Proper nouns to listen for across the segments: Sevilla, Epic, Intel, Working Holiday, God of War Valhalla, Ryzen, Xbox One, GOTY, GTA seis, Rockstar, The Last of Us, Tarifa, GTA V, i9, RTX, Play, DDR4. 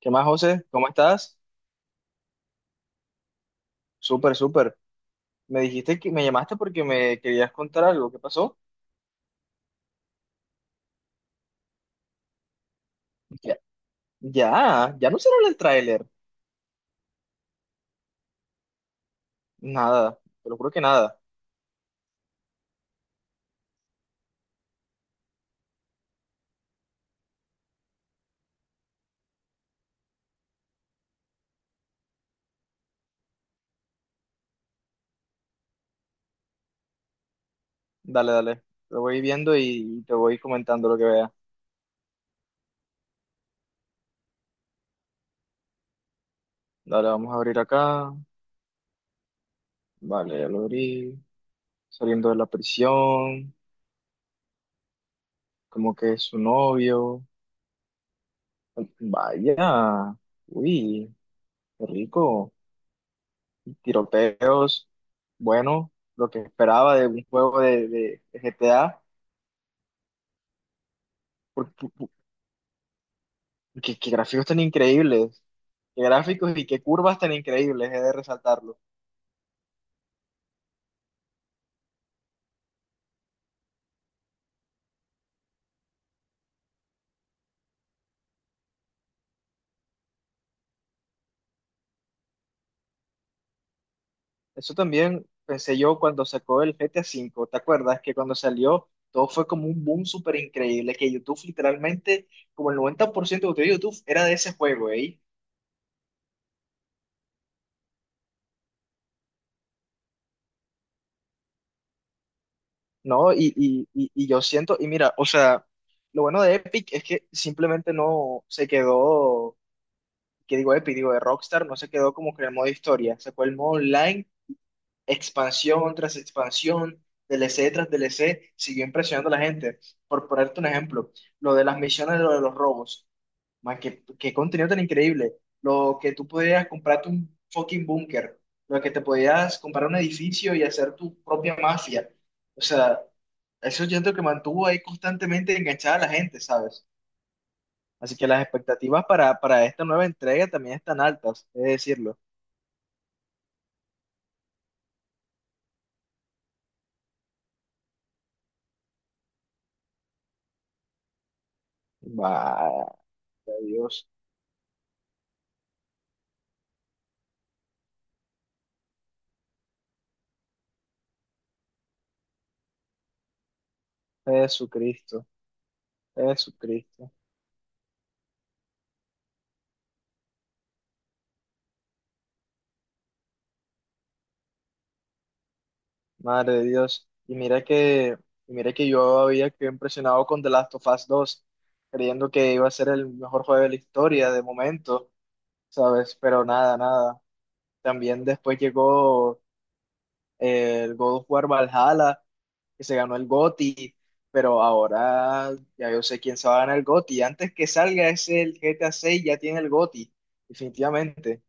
¿Qué más, José? ¿Cómo estás? Súper, súper. Me dijiste que me llamaste porque me querías contar algo. ¿Qué pasó? Ya, ya, ya no se habla el tráiler. Nada, te lo juro que nada. Dale, dale. Lo voy viendo y te voy comentando lo que vea. Dale, vamos a abrir acá. Vale, ya lo abrí. Saliendo de la prisión. Como que es su novio. Vaya. Uy, qué rico. Tiroteos. Bueno, lo que esperaba de un juego de GTA. Qué gráficos tan increíbles. Qué gráficos y qué curvas tan increíbles, he de resaltarlo. Eso también pensé yo cuando sacó el GTA 5. ¿Te acuerdas que cuando salió todo fue como un boom súper increíble? Que YouTube literalmente, como el 90% de contenido de YouTube era de ese juego, ¿eh? ¿No? Y yo siento, y mira, o sea, lo bueno de Epic es que simplemente no se quedó, que digo Epic, digo de Rockstar, no se quedó como que en el modo historia. Sacó el modo online expansión tras expansión, D L C tras D L C siguió impresionando a la gente. Por ponerte un ejemplo, lo de las misiones, lo de los robos. Man, qué contenido tan increíble. Lo que tú podías comprarte un fucking búnker, lo que te podías comprar un edificio y hacer tu propia mafia. O sea, eso siento que mantuvo ahí constantemente enganchada a la gente, ¿sabes? Así que las expectativas para esta nueva entrega también están altas, es decirlo. Vaya. Dios, Jesucristo. Jesucristo, madre de Dios. Y mira que yo había quedado impresionado con The Last of Us 2, creyendo que iba a ser el mejor juego de la historia de momento, ¿sabes? Pero nada, nada. También después llegó el God of War Valhalla, que se ganó el GOTY, pero ahora ya yo sé quién se va a ganar el GOTY. Antes que salga ese el GTA 6 ya tiene el GOTY, definitivamente.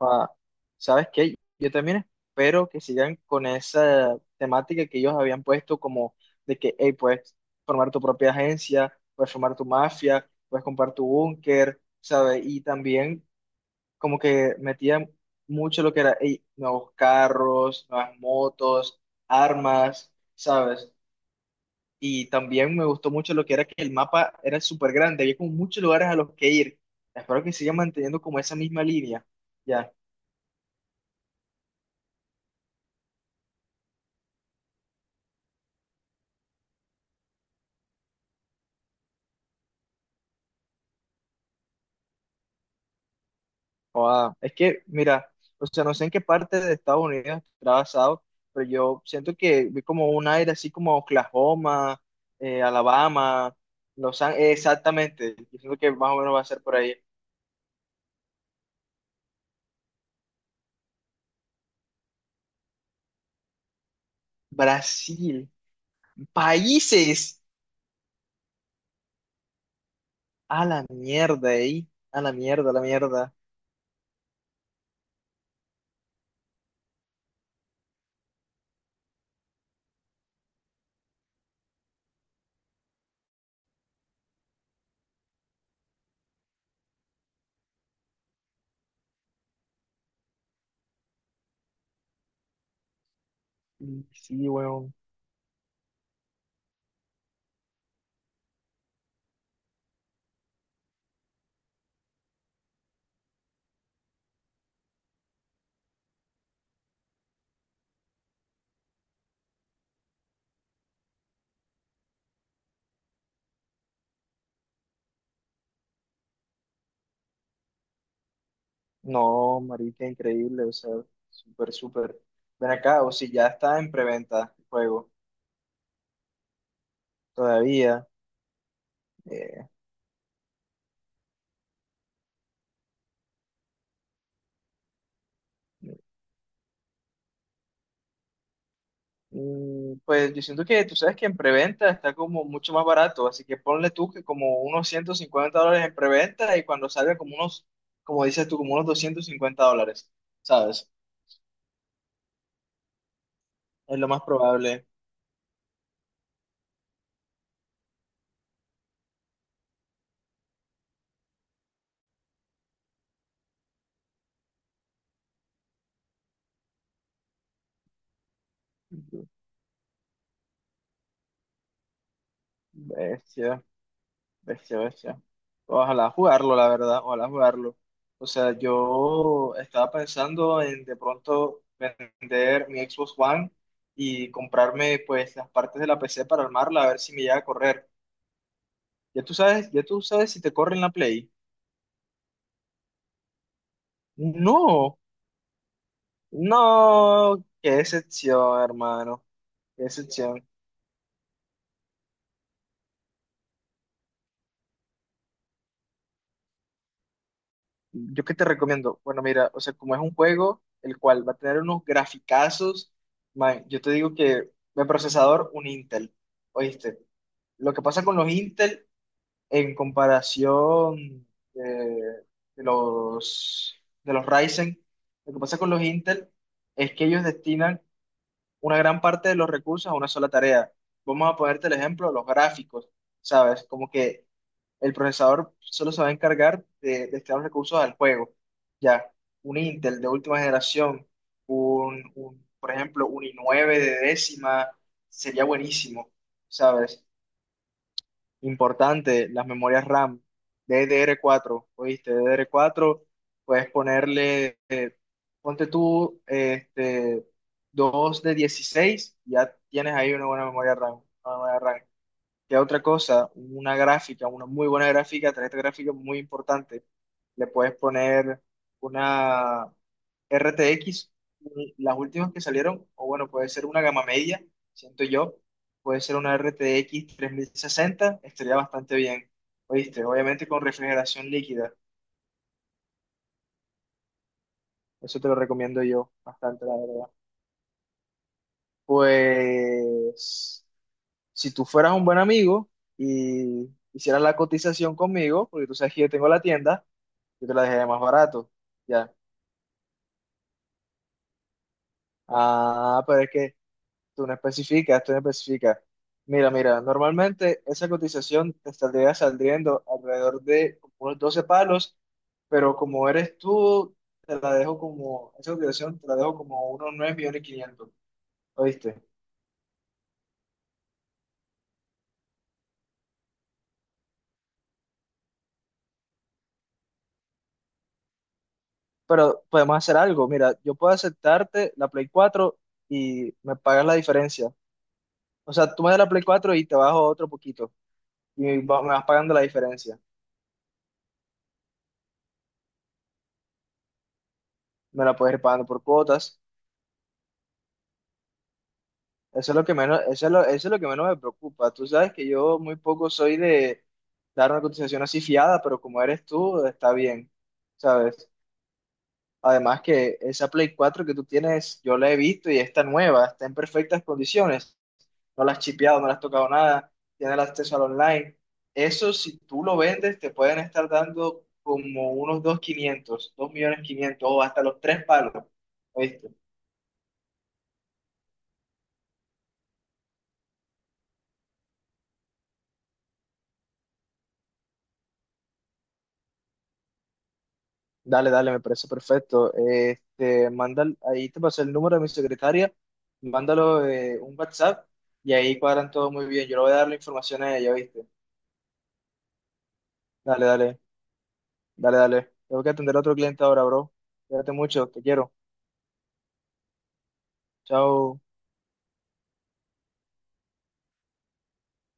Ah, ¿sabes qué? Yo también espero que sigan con esa temática que ellos habían puesto como de que, hey, puedes formar tu propia agencia, puedes formar tu mafia, puedes comprar tu búnker, ¿sabes? Y también como que metían mucho lo que era, hey, nuevos carros, nuevas motos, armas, ¿sabes? Y también me gustó mucho lo que era que el mapa era súper grande, había como muchos lugares a los que ir. Espero que sigan manteniendo como esa misma línea, ¿ya? Joda. Es que, mira, o sea, no sé en qué parte de Estados Unidos está basado, pero yo siento que vi como un aire así como Oklahoma, Alabama, Los Ángeles, exactamente. Yo siento que más o menos va a ser por ahí. Brasil, países, a la mierda, ahí, a la mierda, a la mierda. Mm, sí, weón. No, marica, increíble, o sea, súper, súper. Ven acá, o si ya está en preventa el juego, todavía. Eh, Pues yo siento que tú sabes que en preventa está como mucho más barato, así que ponle tú que como unos 150 dólares en preventa y cuando salga como unos, como dices tú, como unos 250 dólares, ¿sabes? Es lo más probable. Bestia, bestia, bestia. Ojalá jugarlo, la verdad, ojalá jugarlo. O sea, yo estaba pensando en de pronto vender mi Xbox One y comprarme pues las partes de la PC para armarla, a ver si me llega a correr. Ya tú sabes si te corre en la Play. No, no, qué excepción, hermano. Qué excepción. ¿Yo qué te recomiendo? Bueno, mira, o sea, como es un juego el cual va a tener unos graficazos, man, yo te digo que de procesador, un Intel. ¿Oíste? Lo que pasa con los Intel en comparación de, de los, de los Ryzen, lo que pasa con los Intel es que ellos destinan una gran parte de los recursos a una sola tarea. Vamos a ponerte el ejemplo, los gráficos, ¿sabes? Como que el procesador solo se va a encargar de destinar los recursos al juego. Ya, un Intel de última generación, por ejemplo, un i9 de décima, sería buenísimo, ¿sabes? Importante, las memorias RAM, DDR4. ¿Oíste? DDR4, puedes ponerle, ponte tú, este, 2 de 16, ya tienes ahí una buena memoria RAM, una memoria RAM. ¿Qué otra cosa? Una gráfica, una muy buena gráfica, tarjeta gráfica muy importante. Le puedes poner una RTX, las últimas que salieron, o bueno, puede ser una gama media, siento yo. Puede ser una RTX sesenta estaría bastante bien. ¿Oíste? Obviamente con refrigeración líquida. Eso te lo recomiendo yo bastante, la verdad. Pues, si tú fueras un buen amigo y hicieras la cotización conmigo, porque tú sabes que yo tengo la tienda, yo te la dejé más barato. Ya. Ah, pero es que tú no especificas, tú no especificas. Mira, mira, normalmente esa cotización te estaría saliendo alrededor de como unos 12 palos, pero como eres tú, te la dejo como, esa cotización te la dejo como unos 9.500.000, ¿oíste? Pero podemos hacer algo, mira, yo puedo aceptarte la Play cuatro y me pagas la diferencia. O sea, tú me das la Play cuatro y te bajo otro poquito y me vas pagando la diferencia. Me la puedes ir pagando por cuotas. Eso es lo que menos, eso es lo que menos me preocupa. Tú sabes que yo muy poco soy de dar una cotización así fiada, pero como eres tú, está bien, ¿sabes? Además que esa Play cuatro que tú tienes, yo la he visto y está nueva, está en perfectas condiciones. No la has chipeado, no la has tocado nada, tiene el acceso al online. Eso, si tú lo vendes, te pueden estar dando como unos 2.500, 2.500.000 o hasta los tres palos, ¿oíste? Dale, dale, me parece perfecto. Este, manda, ahí te pasé el número de mi secretaria, mándalo un WhatsApp y ahí cuadran todo muy bien. Yo le voy a dar la información a ella, ¿viste? Dale, dale, dale, dale. Tengo que atender a otro cliente ahora, bro. Cuídate mucho, te quiero. Chao.